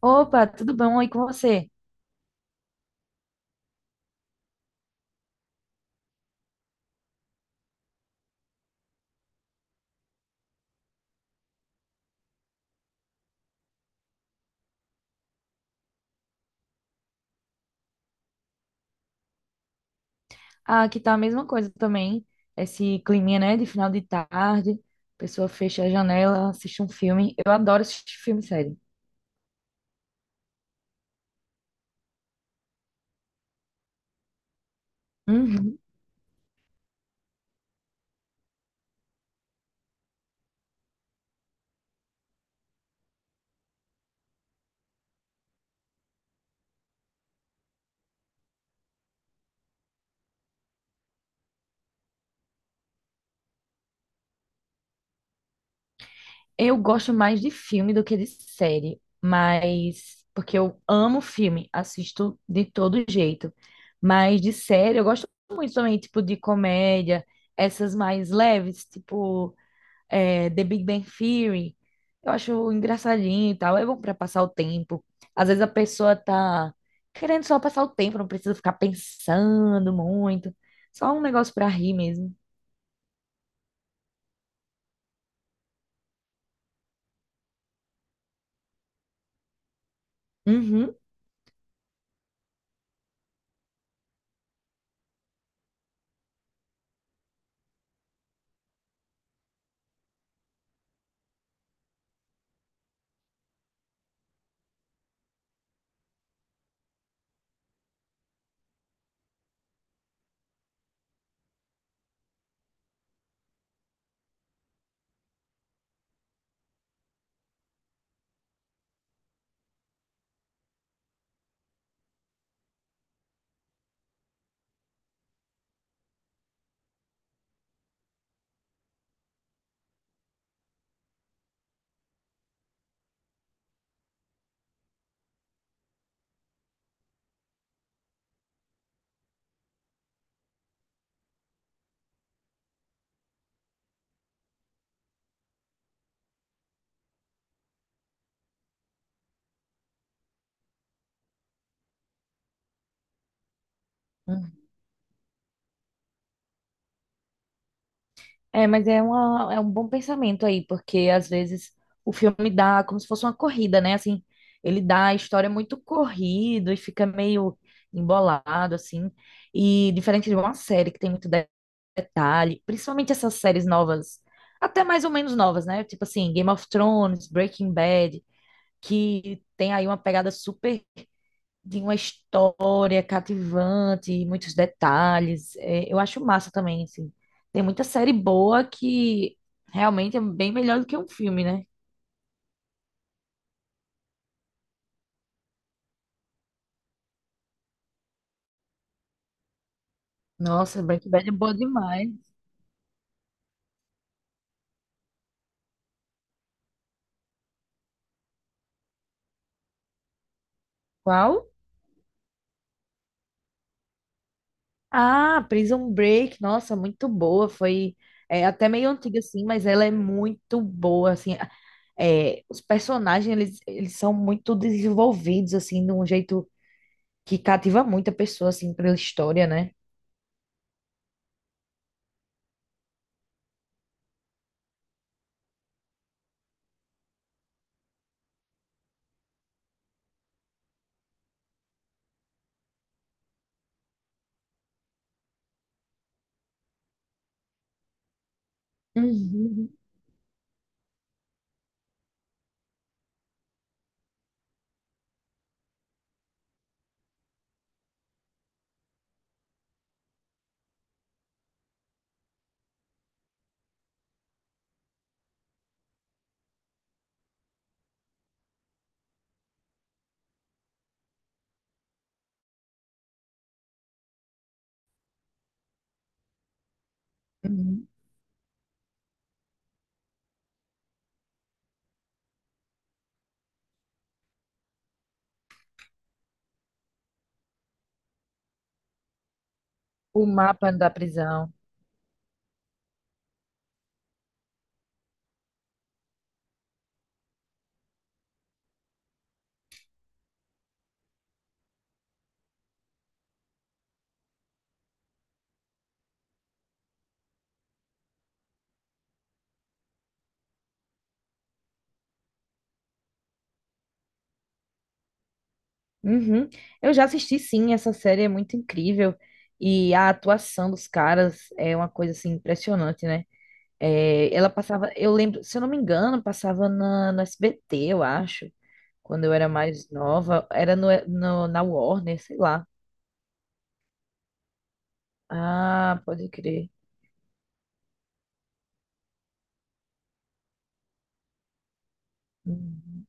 Opa, tudo bom? E com você? Ah, aqui tá a mesma coisa também. Esse climinha, né, de final de tarde. A pessoa fecha a janela, assiste um filme. Eu adoro assistir filme e série. Uhum. Eu gosto mais de filme do que de série, mas porque eu amo filme, assisto de todo jeito. Mas de série eu gosto muito também, tipo de comédia, essas mais leves, tipo The Big Bang Theory. Eu acho engraçadinho e tal. É bom pra passar o tempo. Às vezes a pessoa tá querendo só passar o tempo, não precisa ficar pensando muito. Só um negócio pra rir mesmo. Uhum. Uhum. É, mas é, uma, é um bom pensamento aí, porque às vezes o filme dá como se fosse uma corrida, né? Assim, ele dá a história é muito corrido e fica meio embolado, assim. E diferente de uma série que tem muito detalhe, principalmente essas séries novas, até mais ou menos novas, né? Tipo assim, Game of Thrones, Breaking Bad, que tem aí uma pegada super de uma história cativante, muitos detalhes. É, eu acho massa também, assim. Tem muita série boa que realmente é bem melhor do que um filme, né? Nossa, Breaking Bad é boa demais. Qual? Ah, Prison Break, nossa, muito boa. Até meio antiga, assim, mas ela é muito boa, assim. É, os personagens, eles são muito desenvolvidos, assim, de um jeito que cativa muita pessoa, assim, pela história, né? Uhum, uhum. Uhum. O mapa da prisão. Uhum. Eu já assisti, sim, essa série é muito incrível. E a atuação dos caras é uma coisa, assim, impressionante, né? É, ela passava, eu lembro, se eu não me engano, passava no SBT, eu acho, quando eu era mais nova. Era na Warner, sei lá. Ah, pode crer. Uhum.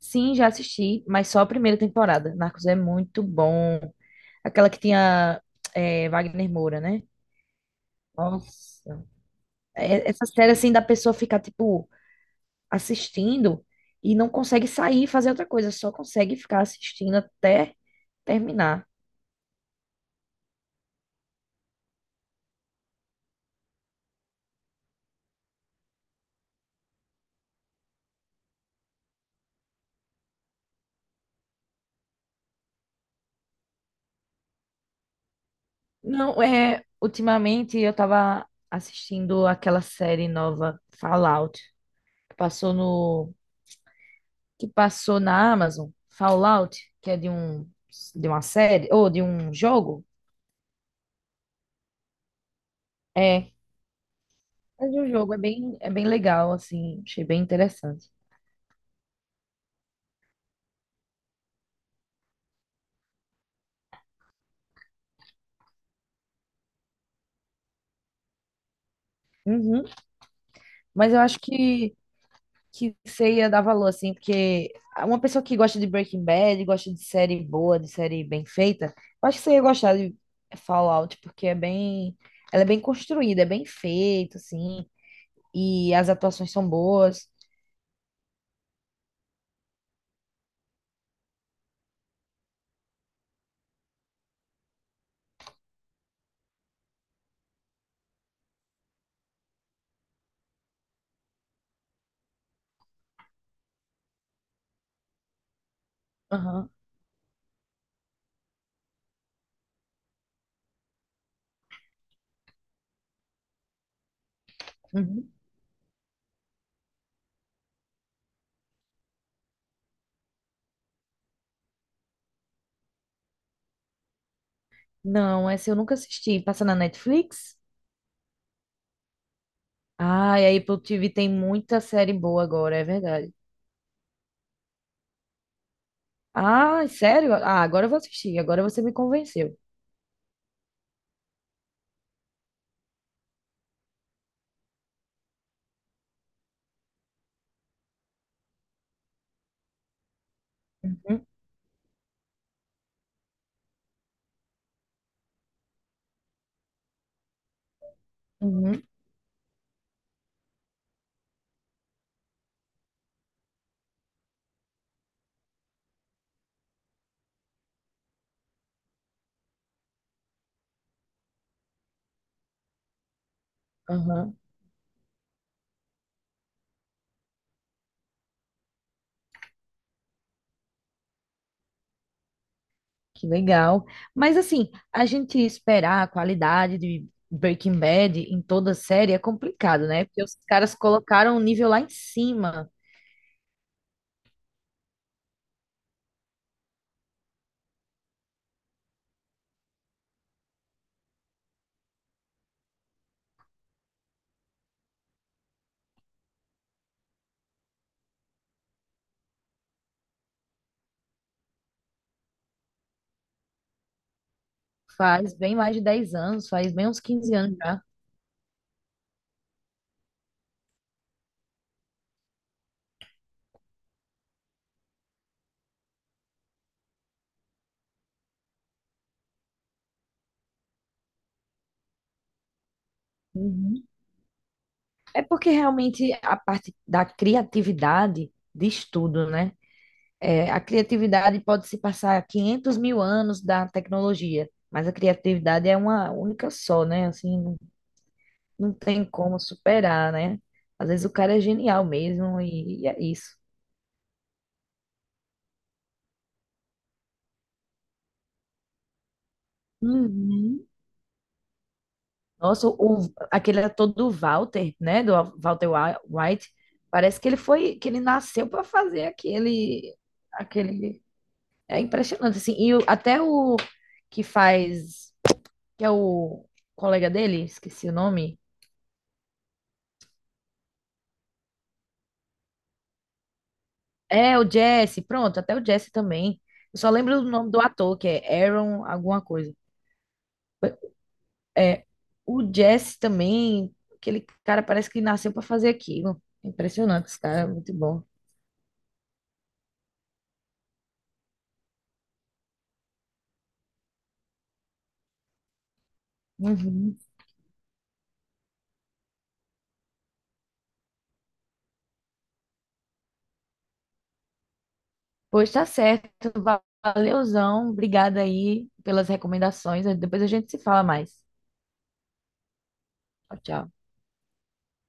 Sim, já assisti, mas só a primeira temporada. Narcos é muito bom. Aquela que tinha Wagner Moura, né? Nossa. É- Essa série, assim, da pessoa ficar, tipo, assistindo e não consegue sair e fazer outra coisa, só consegue ficar assistindo até terminar. Não, é. Ultimamente eu tava assistindo aquela série nova, Fallout, que passou no que passou na Amazon, Fallout, que é de um de uma série ou de um jogo? É, é de um jogo, é bem legal assim, achei bem interessante. Uhum. Mas eu acho que você ia dar valor assim, porque uma pessoa que gosta de Breaking Bad, gosta de série boa, de série bem feita, eu acho que você ia gostar de Fallout, porque é bem ela é bem construída, é bem feito assim, e as atuações são boas. Aham. Uhum. Não, essa eu nunca assisti. Passa na Netflix? Ah, e a Apple TV tem muita série boa agora, é verdade. Ah, sério? Ah, agora eu vou assistir, agora você me convenceu. Uhum, uhum, aham, que legal. Mas assim, a gente esperar a qualidade de Breaking Bad em toda série é complicado, né? Porque os caras colocaram o nível lá em cima. Faz bem mais de 10 anos, faz bem uns 15 anos já. Uhum. É porque realmente a parte da criatividade diz tudo, né? É, a criatividade pode se passar 500 mil anos da tecnologia, mas a criatividade é uma única só, né? Assim, não, não tem como superar, né? Às vezes o cara é genial mesmo e é isso. Uhum. Nossa, o, aquele ator do Walter, né? Do White, parece que ele foi, que ele nasceu para fazer aquele, aquele. É impressionante, assim. Até o que faz, que é o colega dele, esqueci o nome. É, o Jesse, pronto, até o Jesse também. Eu só lembro do nome do ator, que é Aaron alguma coisa. É, o Jesse também, aquele cara parece que nasceu para fazer aquilo. É impressionante, esse cara, é muito bom. Uhum. Pois tá certo, valeuzão, obrigada aí pelas recomendações. Depois a gente se fala mais. Tchau, tchau.